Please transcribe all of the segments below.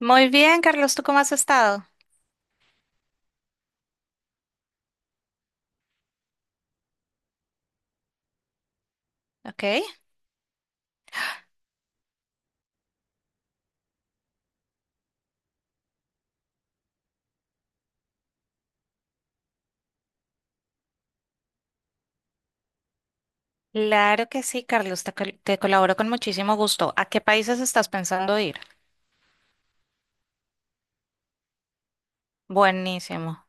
Muy bien, Carlos, ¿tú cómo has estado? Ok. Claro que sí, Carlos, te colaboro con muchísimo gusto. ¿A qué países estás pensando ir? Buenísimo.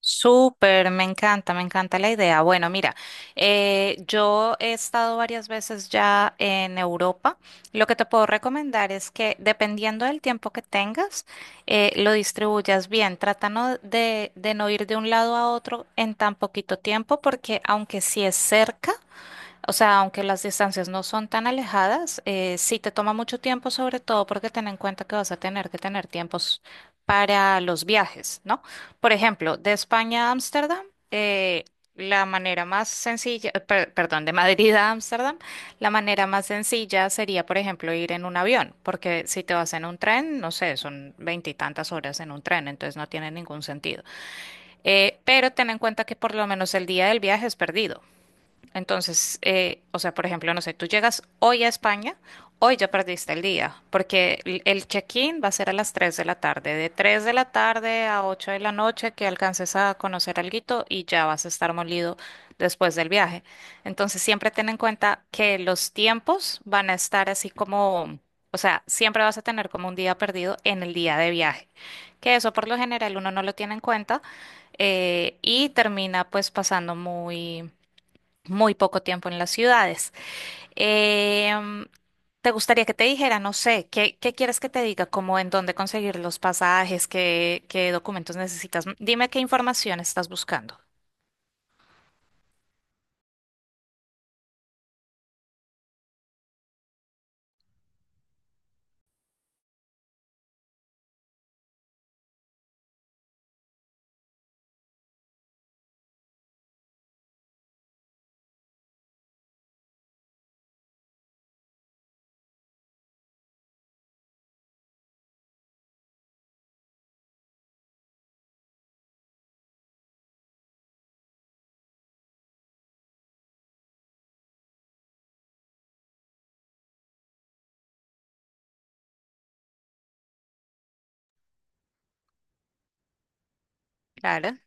Súper, me encanta la idea. Bueno, mira, yo he estado varias veces ya en Europa. Lo que te puedo recomendar es que dependiendo del tiempo que tengas, lo distribuyas bien. Trata no de no ir de un lado a otro en tan poquito tiempo, porque aunque sí es cerca, o sea, aunque las distancias no son tan alejadas, sí te toma mucho tiempo, sobre todo porque ten en cuenta que vas a tener que tener tiempos para los viajes, ¿no? Por ejemplo, de España a Ámsterdam, eh, la manera más sencilla, perdón, de Madrid a Ámsterdam, la manera más sencilla sería, por ejemplo, ir en un avión, porque si te vas en un tren, no sé, son veintitantas horas en un tren, entonces no tiene ningún sentido. Pero ten en cuenta que por lo menos el día del viaje es perdido. Entonces, o sea, por ejemplo, no sé, tú llegas hoy a España, hoy ya perdiste el día, porque el check-in va a ser a las 3 de la tarde, de 3 de la tarde a 8 de la noche, que alcances a conocer alguito y ya vas a estar molido después del viaje. Entonces, siempre ten en cuenta que los tiempos van a estar así como, o sea, siempre vas a tener como un día perdido en el día de viaje, que eso por lo general uno no lo tiene en cuenta y termina pues pasando muy muy poco tiempo en las ciudades. Em, ¿Te gustaría que te dijera, no sé, qué, qué quieres que te diga, como en dónde conseguir los pasajes, qué, qué documentos necesitas? Dime qué información estás buscando. Claro.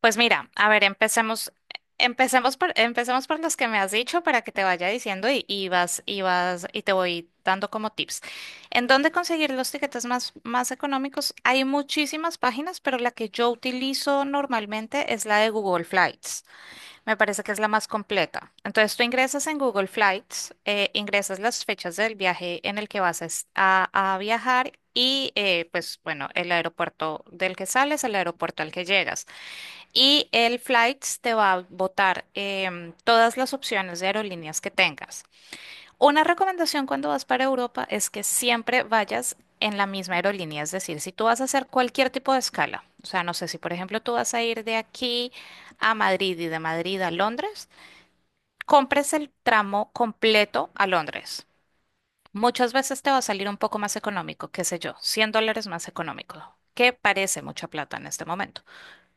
Pues mira, a ver, empecemos por los que me has dicho para que te vaya diciendo y vas, y te voy dando como tips. ¿En dónde conseguir los tiquetes más económicos? Hay muchísimas páginas, pero la que yo utilizo normalmente es la de Google Flights. Me parece que es la más completa. Entonces tú ingresas en Google Flights, ingresas las fechas del viaje en el que vas a viajar y pues bueno, el aeropuerto del que sales, el aeropuerto al que llegas. Y el Flights te va a botar todas las opciones de aerolíneas que tengas. Una recomendación cuando vas para Europa es que siempre vayas en la misma aerolínea, es decir, si tú vas a hacer cualquier tipo de escala, o sea, no sé si por ejemplo tú vas a ir de aquí a Madrid y de Madrid a Londres, compres el tramo completo a Londres. Muchas veces te va a salir un poco más económico, qué sé yo, cien dólares más económico, que parece mucha plata en este momento.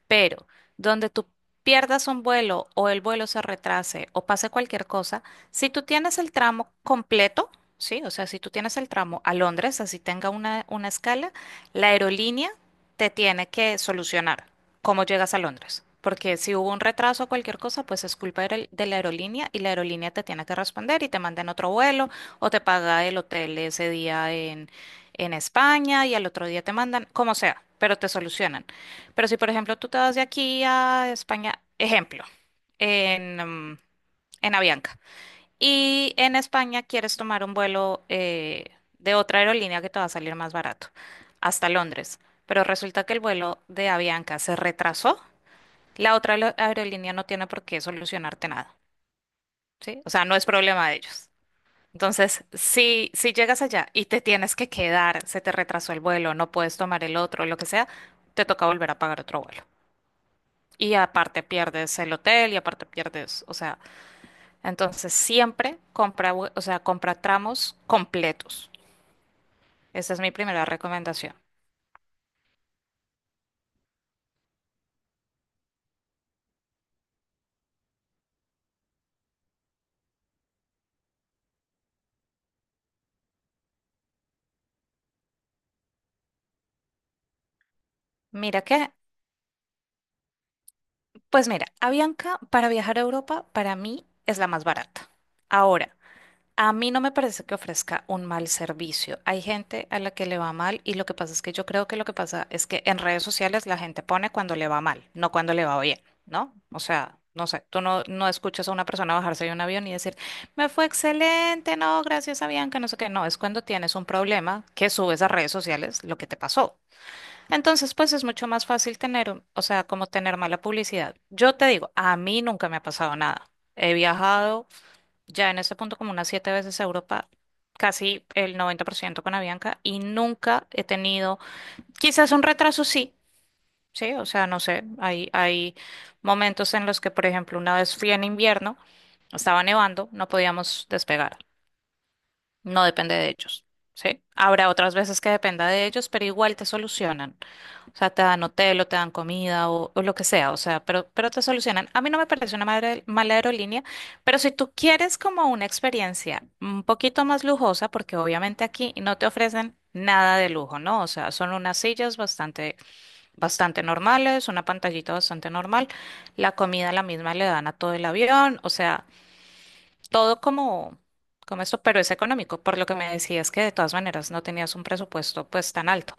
Pero donde tú pierdas un vuelo o el vuelo se retrase o pase cualquier cosa, si tú tienes el tramo completo, sí, o sea, si tú tienes el tramo a Londres, así tenga una escala, la aerolínea te tiene que solucionar cómo llegas a Londres. Porque si hubo un retraso o cualquier cosa, pues es culpa de la aerolínea y la aerolínea te tiene que responder y te manda en otro vuelo o te paga el hotel ese día en España y al otro día te mandan, como sea, pero te solucionan. Pero si, por ejemplo, tú te vas de aquí a España, ejemplo, en, mm, en Avianca, y en España quieres tomar un vuelo de otra aerolínea que te va a salir más barato, hasta Londres, pero resulta que el vuelo de Avianca se retrasó, la otra aerolínea no tiene por qué solucionarte nada, ¿sí? O sea, no es problema de ellos. Entonces, si llegas allá y te tienes que quedar, se te retrasó el vuelo, no puedes tomar el otro, lo que sea, te toca volver a pagar otro vuelo. Y aparte pierdes el hotel y aparte pierdes, o sea, entonces siempre compra, o sea, compra tramos completos. Esa es mi primera recomendación. Mira que, pues mira, Avianca para viajar a Europa para mí es la más barata. Ahora, a mí no me parece que ofrezca un mal servicio. Hay gente a la que le va mal y lo que pasa es que yo creo que lo que pasa es que en redes sociales la gente pone cuando le va mal, no cuando le va bien, ¿no? O sea, no sé, tú no, no escuchas a una persona bajarse de un avión y decir, me fue excelente, no, gracias a Bianca, no sé qué. No, es cuando tienes un problema que subes a redes sociales lo que te pasó. Entonces, pues es mucho más fácil tener, o sea, como tener mala publicidad. Yo te digo, a mí nunca me ha pasado nada. He viajado ya en ese punto como unas siete veces a Europa, casi el 90% con Avianca y nunca he tenido, quizás un retraso sí, sí, o sea, no sé, hay momentos en los que, por ejemplo, una vez fui en invierno, estaba nevando, no podíamos despegar, no depende de ellos, ¿sí? Habrá otras veces que dependa de ellos, pero igual te solucionan. O sea, te dan hotel o te dan comida o lo que sea, o sea, pero te solucionan. A mí no me parece una mala aerolínea, pero si tú quieres como una experiencia un poquito más lujosa, porque obviamente aquí no te ofrecen nada de lujo, ¿no? O sea, son unas sillas bastante, bastante normales, una pantallita bastante normal, la comida la misma le dan a todo el avión, o sea todo como, como esto, pero es económico, por lo que me decías que de todas maneras no tenías un presupuesto pues tan alto.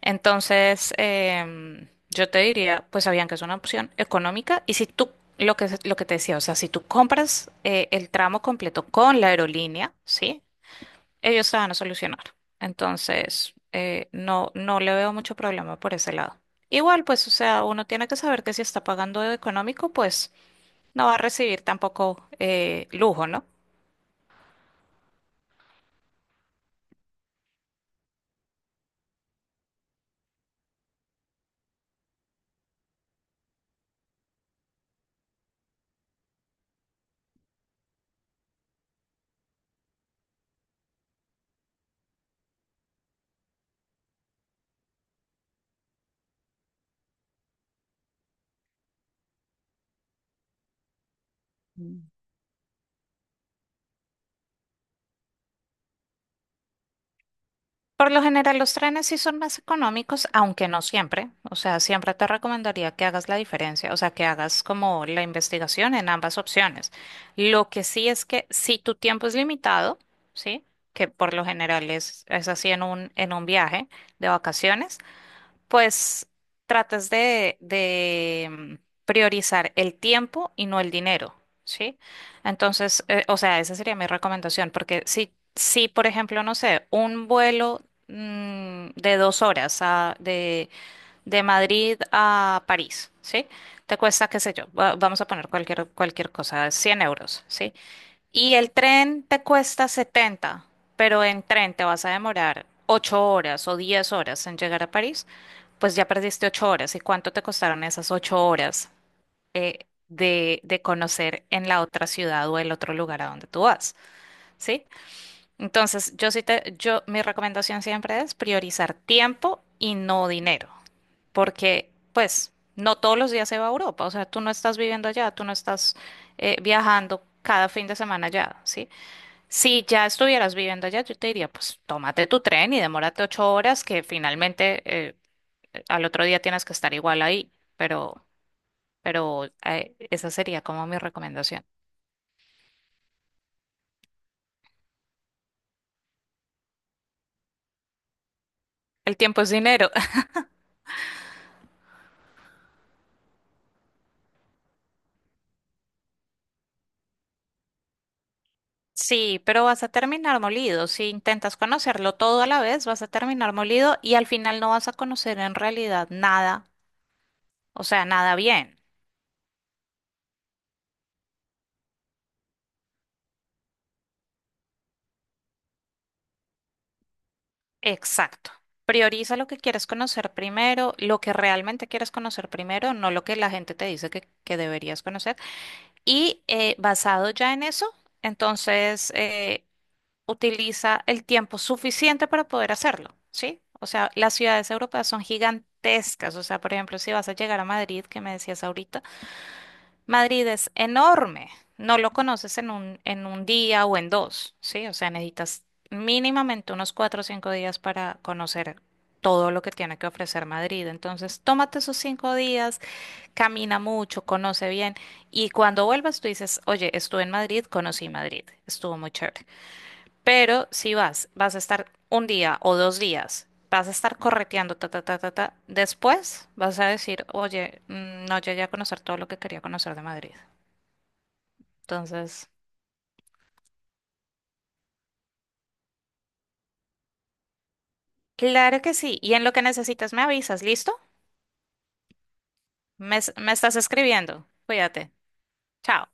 Entonces, yo te diría, pues sabían que es una opción económica y si tú, lo que te decía, o sea, si tú compras el tramo completo con la aerolínea, ¿sí? Ellos te van a solucionar. Entonces, no, no le veo mucho problema por ese lado. Igual, pues, o sea, uno tiene que saber que si está pagando de económico, pues no va a recibir tampoco lujo, ¿no? Por lo general, los trenes sí son más económicos, aunque no siempre. O sea, siempre te recomendaría que hagas la diferencia, o sea, que hagas como la investigación en ambas opciones. Lo que sí es que si tu tiempo es limitado, ¿sí? Que por lo general es así en un viaje de vacaciones pues tratas de priorizar el tiempo y no el dinero, ¿sí? Entonces, o sea, esa sería mi recomendación, porque si, por ejemplo, no sé, un vuelo de 2 horas de Madrid a París, ¿sí? Te cuesta, qué sé yo, vamos a poner cualquier cosa, €100, ¿sí? Y el tren te cuesta 70, pero en tren te vas a demorar 8 horas o 10 horas en llegar a París, pues ya perdiste 8 horas. ¿Y cuánto te costaron esas 8 horas de conocer en la otra ciudad o el otro lugar a donde tú vas? ¿Sí? Entonces, yo sí te, yo, mi recomendación siempre es priorizar tiempo y no dinero, porque pues no todos los días se va a Europa, o sea, tú no estás viviendo allá, tú no estás viajando cada fin de semana allá, ¿sí? Si ya estuvieras viviendo allá, yo te diría, pues tómate tu tren y demórate 8 horas, que finalmente eh, al otro día tienes que estar igual ahí, pero, pero, esa sería como mi recomendación. El tiempo es dinero. Sí, pero vas a terminar molido. Si intentas conocerlo todo a la vez, vas a terminar molido y al final no vas a conocer en realidad nada, o sea, nada bien. Exacto. Prioriza lo que quieres conocer primero, lo que realmente quieres conocer primero, no lo que la gente te dice que deberías conocer. Y basado ya en eso, entonces utiliza el tiempo suficiente para poder hacerlo, ¿sí? O sea, las ciudades europeas son gigantescas. O sea, por ejemplo, si vas a llegar a Madrid, que me decías ahorita, Madrid es enorme. No lo conoces en un día o en dos, ¿sí? O sea, necesitas mínimamente unos 4 o 5 días para conocer todo lo que tiene que ofrecer Madrid. Entonces, tómate esos 5 días, camina mucho, conoce bien y cuando vuelvas tú dices, oye, estuve en Madrid, conocí Madrid, estuvo muy chévere. Pero si vas, vas a estar un día o dos días, vas a estar correteando, ta, ta, ta, ta, ta, después vas a decir, oye, mm, no llegué a conocer todo lo que quería conocer de Madrid. Entonces, claro que sí. Y en lo que necesitas me avisas, ¿listo? Me estás escribiendo. Cuídate. Chao.